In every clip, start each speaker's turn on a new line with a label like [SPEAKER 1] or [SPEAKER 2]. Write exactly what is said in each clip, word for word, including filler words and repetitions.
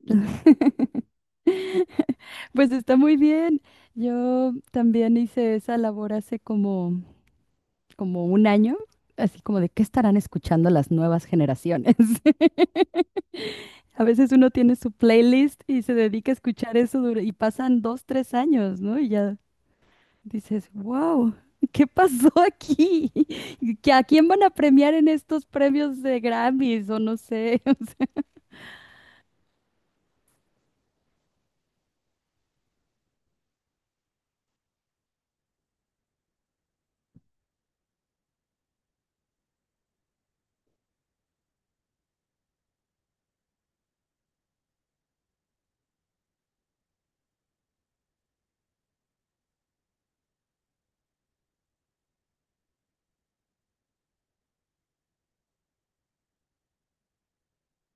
[SPEAKER 1] Pues está muy bien. Yo también hice esa labor hace como, como un año, así como de qué estarán escuchando las nuevas generaciones. A veces uno tiene su playlist y se dedica a escuchar eso dura- y pasan dos, tres años, ¿no? Y ya dices, wow, ¿qué pasó aquí? ¿Que a quién van a premiar en estos premios de Grammys o no sé? O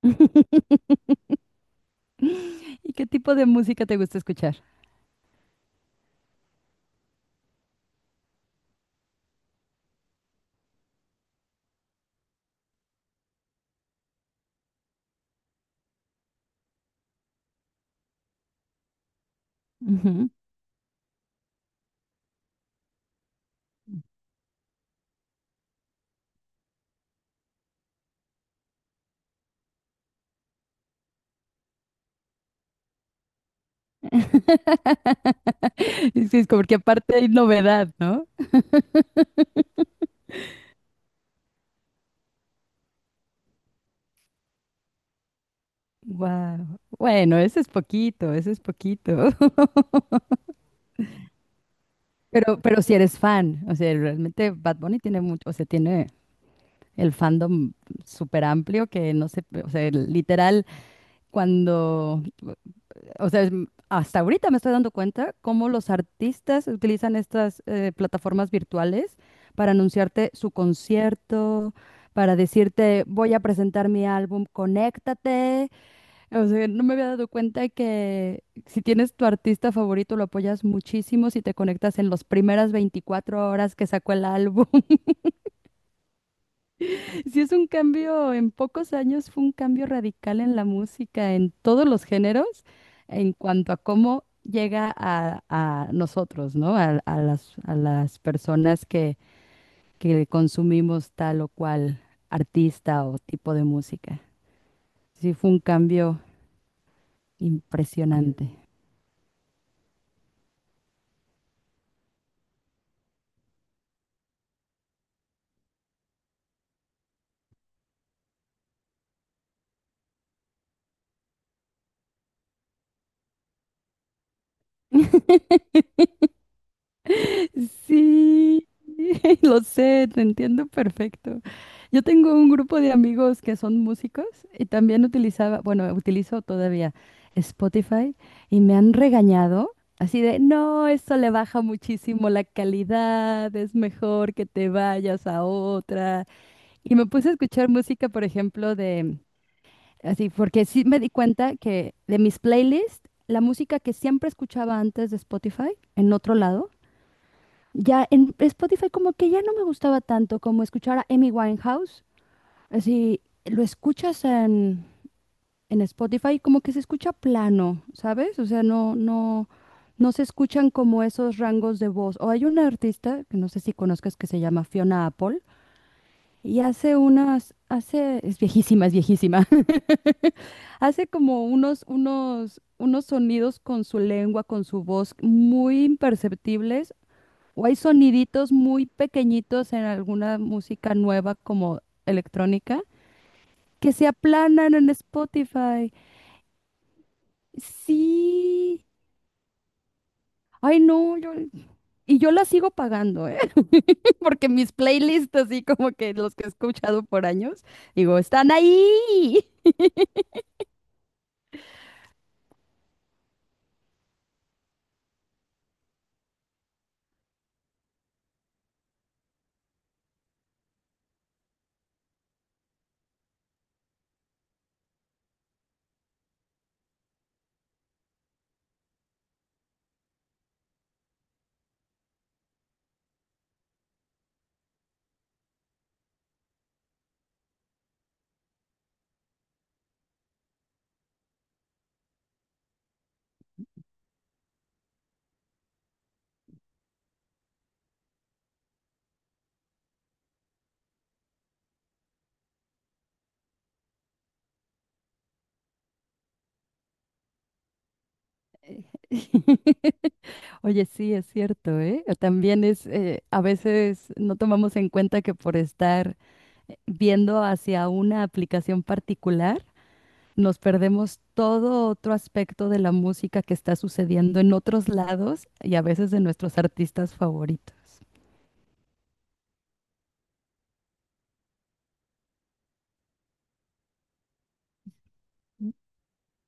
[SPEAKER 1] sea. ¿Y qué tipo de música te gusta escuchar? Ujú. Sí, es como que aparte hay novedad, ¿no? Wow. Bueno, eso es poquito, eso es poquito. Pero, pero si eres fan, o sea, realmente Bad Bunny tiene mucho, o sea, tiene el fandom súper amplio que no sé, o sea, literal, cuando O sea, es m- hasta ahorita me estoy dando cuenta cómo los artistas utilizan estas eh, plataformas virtuales para anunciarte su concierto, para decirte, voy a presentar mi álbum, conéctate. O sea, no me había dado cuenta que si tienes tu artista favorito, lo apoyas muchísimo si te conectas en las primeras veinticuatro horas que sacó el álbum. Sí, es un cambio, en pocos años fue un cambio radical en la música, en todos los géneros, en cuanto a cómo llega a, a nosotros, ¿no? A, a las, a las personas que, que consumimos tal o cual artista o tipo de música. Sí, fue un cambio impresionante. Sí, lo sé, te entiendo perfecto. Yo tengo un grupo de amigos que son músicos y también utilizaba, bueno, utilizo todavía Spotify y me han regañado así de, no, esto le baja muchísimo la calidad, es mejor que te vayas a otra. Y me puse a escuchar música, por ejemplo, de, así, porque sí me di cuenta que de mis playlists, la música que siempre escuchaba antes de Spotify, en otro lado, ya en Spotify como que ya no me gustaba tanto como escuchar a Amy Winehouse. Así lo escuchas en, en Spotify como que se escucha plano, ¿sabes? O sea, no, no, no se escuchan como esos rangos de voz. O hay una artista que no sé si conozcas que se llama Fiona Apple y hace unas, hace, es viejísima, es viejísima. Hace como unos, unos, unos sonidos con su lengua, con su voz muy imperceptibles. O hay soniditos muy pequeñitos en alguna música nueva como electrónica que se aplanan en Spotify. Sí. Ay, no, yo... Y yo la sigo pagando, ¿eh? Porque mis playlists, así como que los que he escuchado por años, digo, están ahí. Oye, sí, es cierto, ¿eh? También es, eh, a veces no tomamos en cuenta que por estar eh, viendo hacia una aplicación particular, nos perdemos todo otro aspecto de la música que está sucediendo en otros lados y a veces de nuestros artistas favoritos.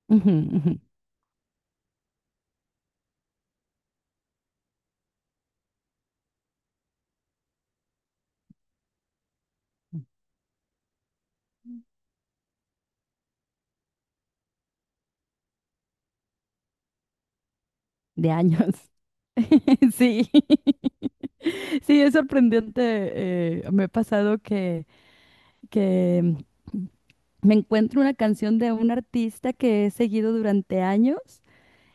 [SPEAKER 1] Ujú, ujú. De años. Sí, sí, es sorprendente. Eh, me ha pasado que, que mm, me encuentro una canción de un artista que he seguido durante años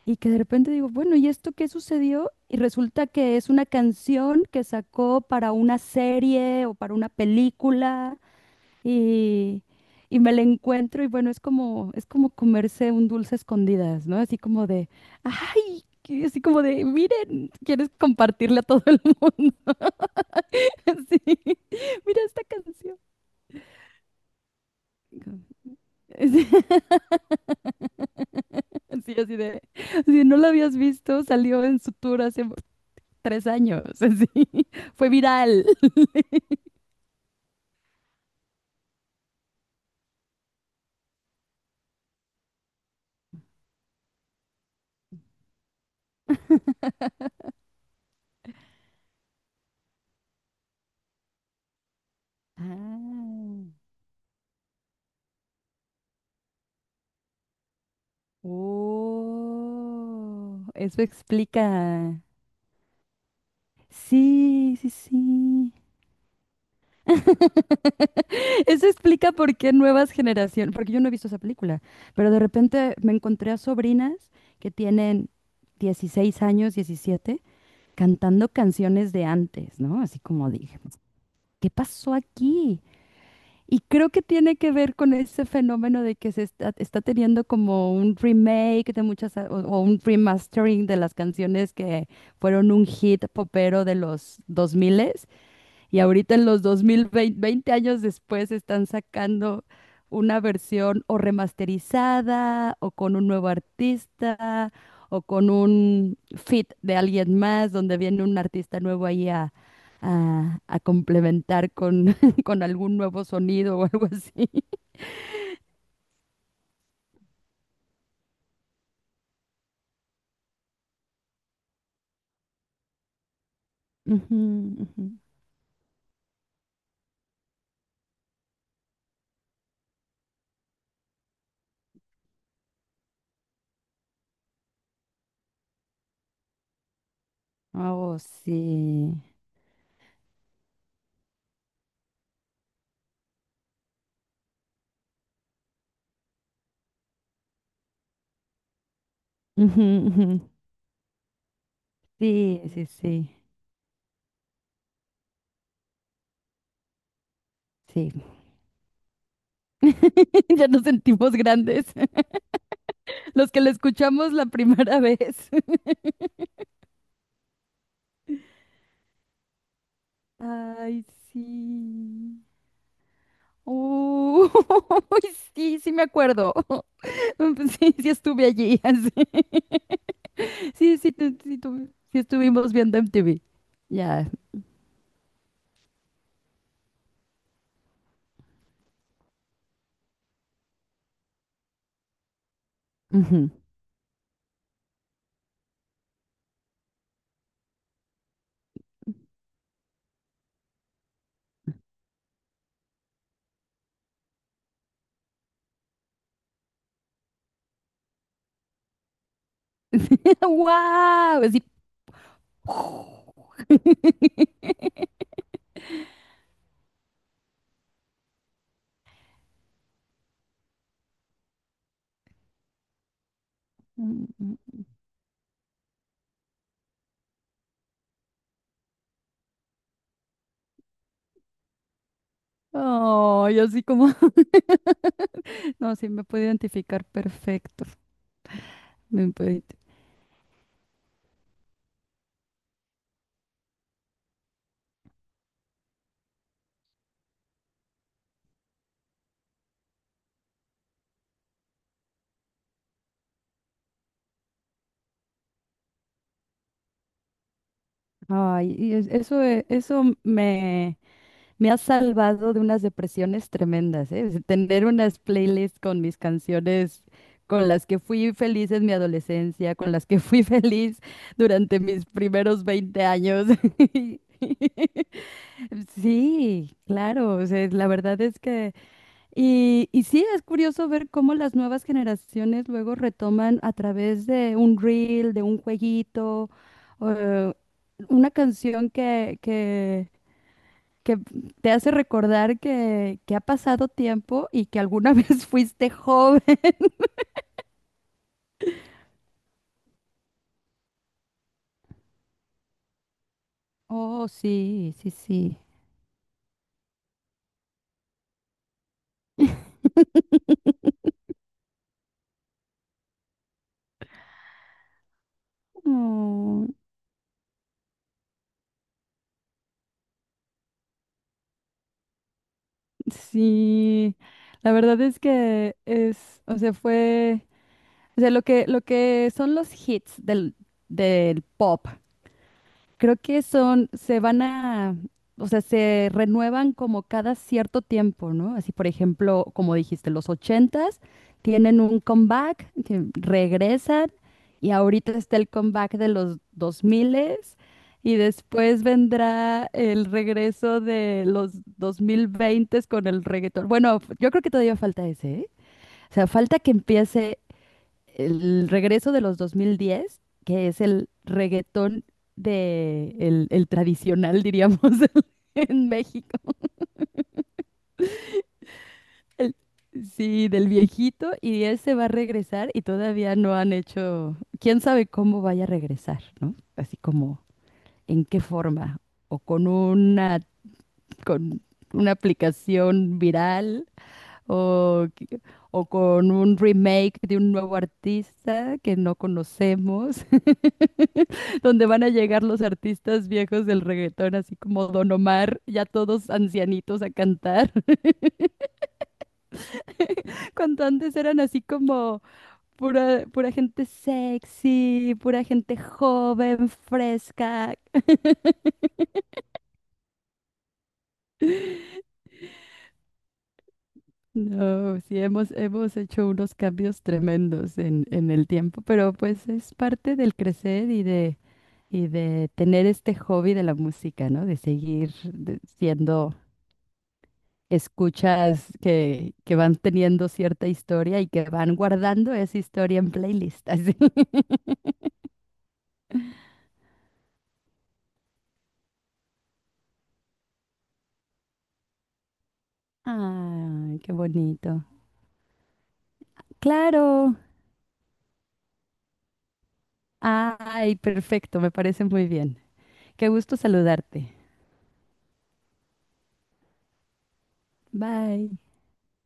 [SPEAKER 1] y que de repente digo, bueno, ¿y esto qué sucedió? Y resulta que es una canción que sacó para una serie o para una película y, y me la encuentro y bueno, es como, es como comerse un dulce a escondidas, ¿no? Así como de, ay, que- así como de, miren, quieres compartirle a todo el mundo. Así, mira esta canción. Así, así así de, si no la habías visto, salió en su tour hace tres años, así, fue viral. Ah, oh, eso explica. Sí, sí, sí. Eso explica por qué nuevas generaciones, porque yo no he visto esa película, pero de repente me encontré a sobrinas que tienen dieciséis años, diecisiete, cantando canciones de antes, ¿no? Así como dije, ¿qué pasó aquí? Y creo que tiene que ver con ese fenómeno de que se está, está teniendo como un remake de muchas, a- o, o un remastering de las canciones que fueron un hit popero de los dos mil y ahorita en los dos mil veinte, veinte veinte años después, están sacando una versión o remasterizada, o con un nuevo artista, o con un feat de alguien más, donde viene un artista nuevo ahí a, a- a complementar con, con algún nuevo sonido o algo así. Ujú, ujú. Oh, sí. Ujú, ujú. Sí, sí, sí. Sí. Ya nos sentimos grandes. Los que la escuchamos la primera vez. Ay, sí. Uh, uy, sí, sí me acuerdo. Sí, sí estuve allí. Así. Sí, sí, tu- sí, tu- sí estuvimos viendo M T V. Ya. Ujú. ¡Guau! Así. Ay, así como. No, sí me puedo identificar perfecto. Me puedo ident- Ay, y es- eso, eh, eso me... Me ha salvado de unas depresiones tremendas, ¿eh? Es tener unas playlists con mis canciones con las que fui feliz en mi adolescencia, con las que fui feliz durante mis primeros veinte años. Sí, claro, o sea, la verdad es que... Y, y sí, es curioso ver cómo las nuevas generaciones luego retoman a través de un reel, de un jueguito, eh, una canción que que, que te hace recordar que, que ha pasado tiempo y que alguna vez fuiste joven. Oh, sí, sí, sí. Oh, sí, la verdad es que es, o sea, fue, o sea, lo que, lo que son los hits del, del pop. Creo que son, se van a, o sea, se renuevan como cada cierto tiempo, ¿no? Así, por ejemplo, como dijiste, los ochentas tienen un comeback, que regresan, y ahorita está el comeback de los dos miles, y después vendrá el regreso de los dos mil veintes con el reggaetón. Bueno, yo creo que todavía falta ese, ¿eh? O sea, falta que empiece el regreso de los dos mil diez, que es el reggaetón de el, el tradicional, diríamos, en México. El- sí, del viejito, y ese va a regresar y todavía no han hecho, quién sabe cómo vaya a regresar, ¿no? Así como en qué forma, o con una, con una aplicación viral, o, que- o con un remake de un nuevo artista que no conocemos, donde van a llegar los artistas viejos del reggaetón, así como Don Omar, ya todos ancianitos a cantar, cuando antes eran así como pura, pura gente sexy, pura gente joven, fresca. No, sí, hemos, hemos hecho unos cambios tremendos en, en el tiempo, pero pues es parte del crecer y de y de tener este hobby de la música, ¿no? De seguir de- siendo escuchas que, que van teniendo cierta historia y que van guardando esa historia en playlists. Así. Ay, qué bonito. Claro. Ay, perfecto, me parece muy bien. Qué gusto saludarte. Bye.